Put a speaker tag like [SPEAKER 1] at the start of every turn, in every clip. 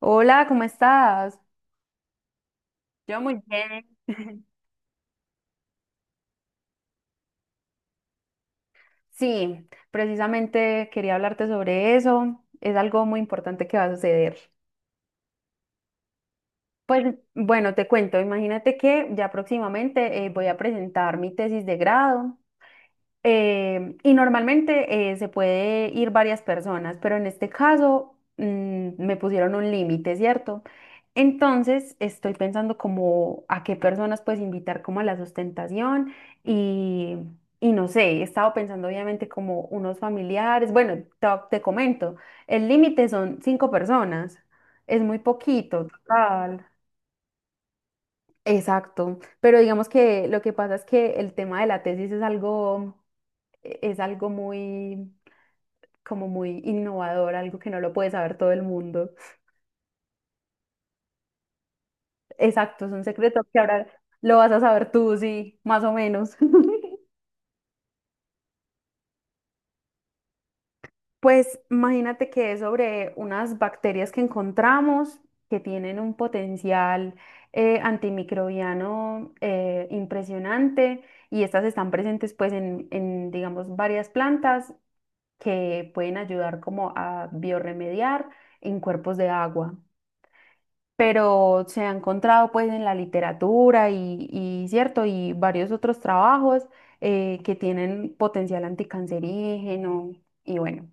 [SPEAKER 1] Hola, ¿cómo estás? Yo muy bien. Sí, precisamente quería hablarte sobre eso. Es algo muy importante que va a suceder. Pues bueno, te cuento, imagínate que ya próximamente voy a presentar mi tesis de grado. Y normalmente se puede ir varias personas, pero en este caso me pusieron un límite, ¿cierto? Entonces estoy pensando como a qué personas puedes invitar como a la sustentación y, y no sé, he estado pensando obviamente como unos familiares, bueno, te comento, el límite son cinco personas, es muy poquito, total. Exacto, pero digamos que lo que pasa es que el tema de la tesis es algo es algo muy, como muy innovador, algo que no lo puede saber todo el mundo. Exacto, es un secreto que ahora lo vas a saber tú, sí, más o menos. Pues imagínate que es sobre unas bacterias que encontramos que tienen un potencial antimicrobiano impresionante, y estas están presentes pues en, digamos, varias plantas que pueden ayudar como a biorremediar en cuerpos de agua. Pero se ha encontrado pues en la literatura y, cierto, y varios otros trabajos que tienen potencial anticancerígeno, y bueno,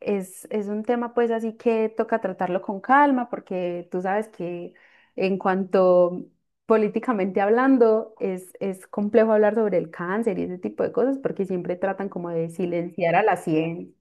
[SPEAKER 1] es un tema pues así que toca tratarlo con calma, porque tú sabes que en cuanto políticamente hablando es complejo hablar sobre el cáncer y ese tipo de cosas, porque siempre tratan como de silenciar a la ciencia.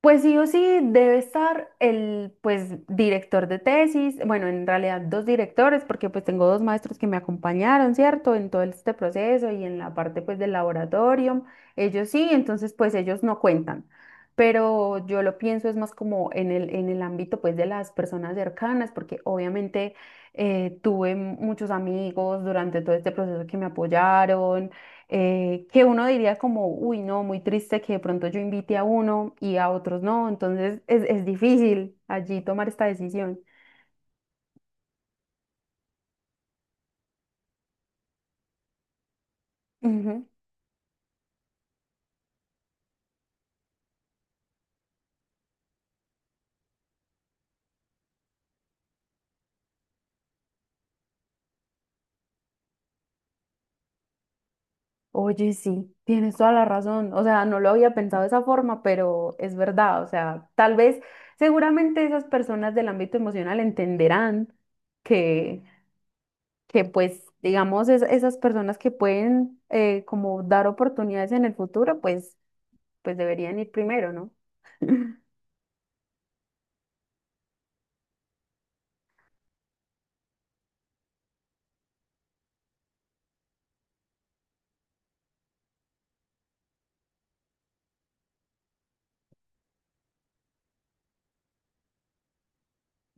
[SPEAKER 1] Pues sí o sí debe estar el pues director de tesis, bueno, en realidad dos directores, porque pues tengo dos maestros que me acompañaron, ¿cierto? En todo este proceso y en la parte pues del laboratorio, ellos sí, entonces pues ellos no cuentan. Pero yo lo pienso es más como en en el ámbito pues de las personas cercanas, porque obviamente tuve muchos amigos durante todo este proceso que me apoyaron, que uno diría como, uy, no, muy triste que de pronto yo invite a uno y a otros no, entonces es difícil allí tomar esta decisión. Ujú. Oye, sí, tienes toda la razón. O sea, no lo había pensado de esa forma, pero es verdad. O sea, tal vez, seguramente esas personas del ámbito emocional entenderán que, que pues, digamos, esas personas que pueden como dar oportunidades en el futuro, pues, pues deberían ir primero, ¿no?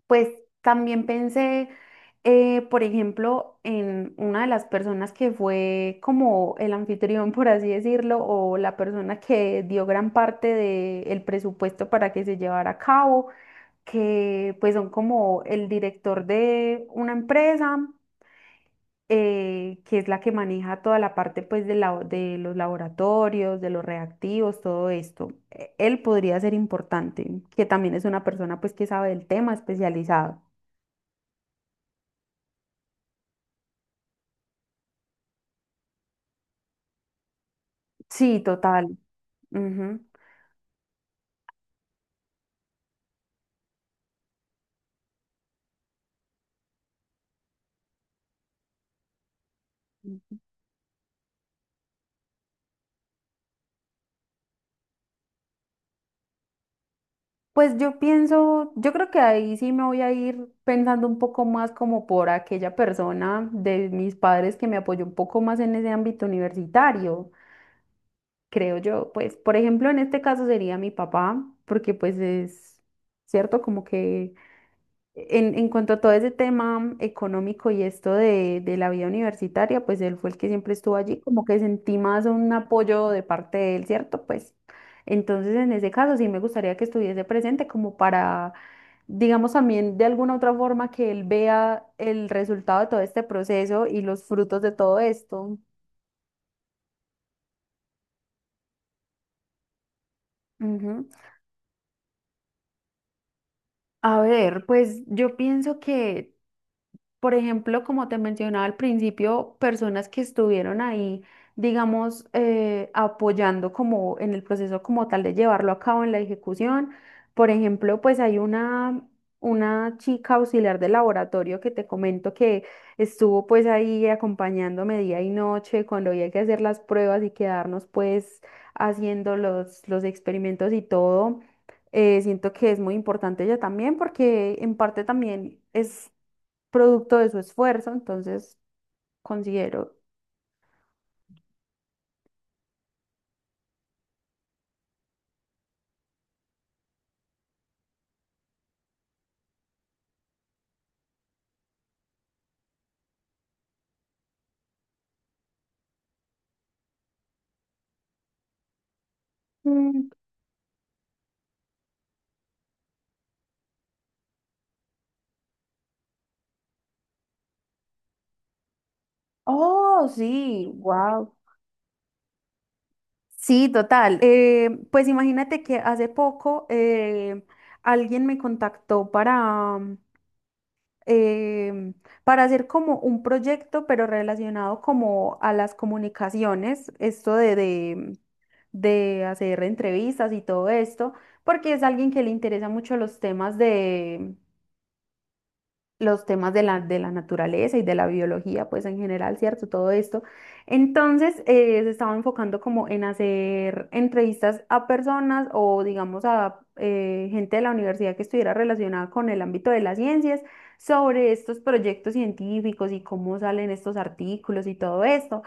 [SPEAKER 1] Pues también pensé, por ejemplo, en una de las personas que fue como el anfitrión, por así decirlo, o la persona que dio gran parte del presupuesto para que se llevara a cabo, que pues son como el director de una empresa, que es la que maneja toda la parte pues de, de los laboratorios, de los reactivos, todo esto. Él podría ser importante, que también es una persona pues que sabe del tema especializado. Sí, total. Ujú. Pues yo pienso, yo creo que ahí sí me voy a ir pensando un poco más como por aquella persona de mis padres que me apoyó un poco más en ese ámbito universitario, creo yo. Pues, por ejemplo, en este caso sería mi papá, porque pues es cierto como que en cuanto a todo ese tema económico y esto de la vida universitaria, pues él fue el que siempre estuvo allí, como que sentí más un apoyo de parte de él, ¿cierto? Pues entonces en ese caso sí me gustaría que estuviese presente como para, digamos también de alguna otra forma que él vea el resultado de todo este proceso y los frutos de todo esto. Ujú. A ver, pues yo pienso que por ejemplo, como te mencionaba al principio, personas que estuvieron ahí, digamos, apoyando como en el proceso como tal de llevarlo a cabo en la ejecución. Por ejemplo, pues hay una chica auxiliar de laboratorio que te comento que estuvo pues ahí acompañándome día y noche cuando había que hacer las pruebas y quedarnos pues haciendo los experimentos y todo, siento que es muy importante ella también, porque en parte también es producto de su esfuerzo, entonces considero, mm, oh, sí, wow. Sí, total. Pues imagínate que hace poco alguien me contactó em, para hacer como un proyecto, pero relacionado como a las comunicaciones, esto de hacer entrevistas y todo esto, porque es alguien que le interesa mucho los temas de de la naturaleza y de la biología, pues en general, ¿cierto? Todo esto. Entonces, se estaba enfocando como en hacer entrevistas a personas o, digamos, a gente de la universidad que estuviera relacionada con el ámbito de las ciencias, sobre estos proyectos científicos y cómo salen estos artículos y todo esto.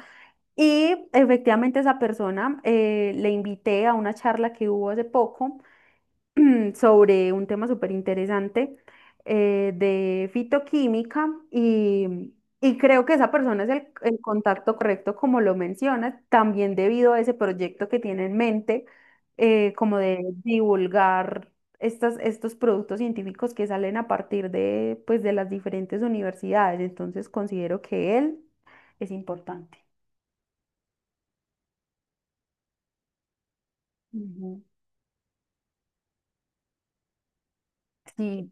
[SPEAKER 1] Y efectivamente esa persona, le invité a una charla que hubo hace poco sobre un tema súper interesante de fitoquímica, y creo que esa persona es el contacto correcto, como lo mencionas, también debido a ese proyecto que tiene en mente, como de divulgar estas, estos productos científicos que salen a partir de, pues, de las diferentes universidades. Entonces considero que él es importante. Ujú. Sí,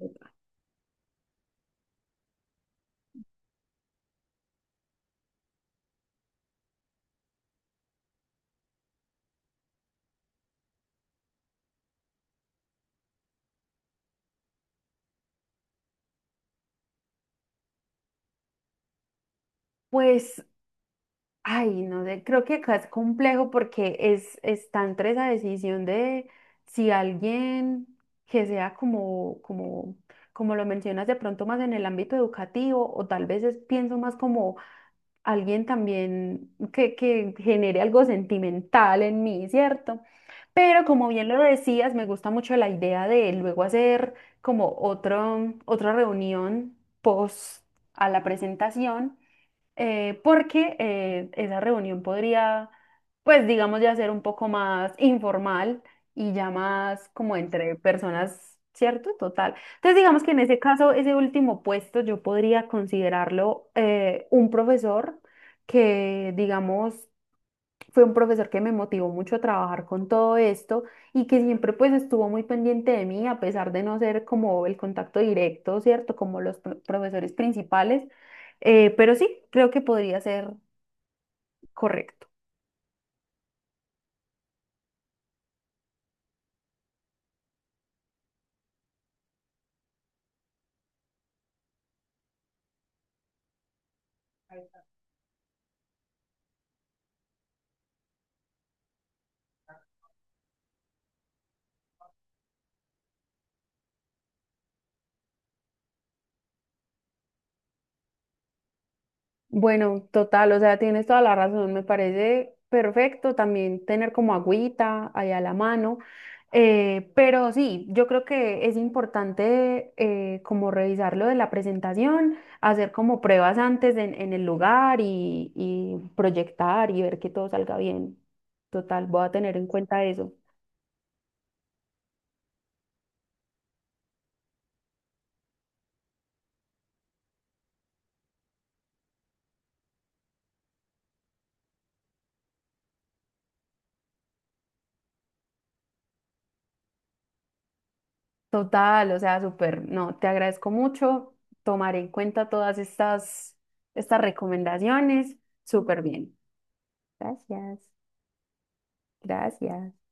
[SPEAKER 1] pues ay, no sé, creo que acá es complejo porque es, está entre esa decisión de si alguien que sea como lo mencionas de pronto más en el ámbito educativo o tal vez pienso más como alguien también que genere algo sentimental en mí, ¿cierto? Pero como bien lo decías, me gusta mucho la idea de luego hacer como otra reunión post a la presentación, porque esa reunión podría, pues digamos, ya ser un poco más informal y ya más como entre personas, ¿cierto? Total. Entonces, digamos que en ese caso, ese último puesto yo podría considerarlo un profesor que, digamos, fue un profesor que me motivó mucho a trabajar con todo esto y que siempre pues estuvo muy pendiente de mí, a pesar de no ser como el contacto directo, ¿cierto? Como los profesores principales. Pero sí, creo que podría ser correcto. Bueno, total, o sea, tienes toda la razón, me parece perfecto también tener como agüita ahí a la mano, pero sí, yo creo que es importante como revisar lo de la presentación, hacer como pruebas antes en el lugar y proyectar y ver que todo salga bien. Total, voy a tener en cuenta eso. Total, o sea, súper, no, te agradezco mucho, tomaré en cuenta estas recomendaciones, súper bien. Gracias, gracias.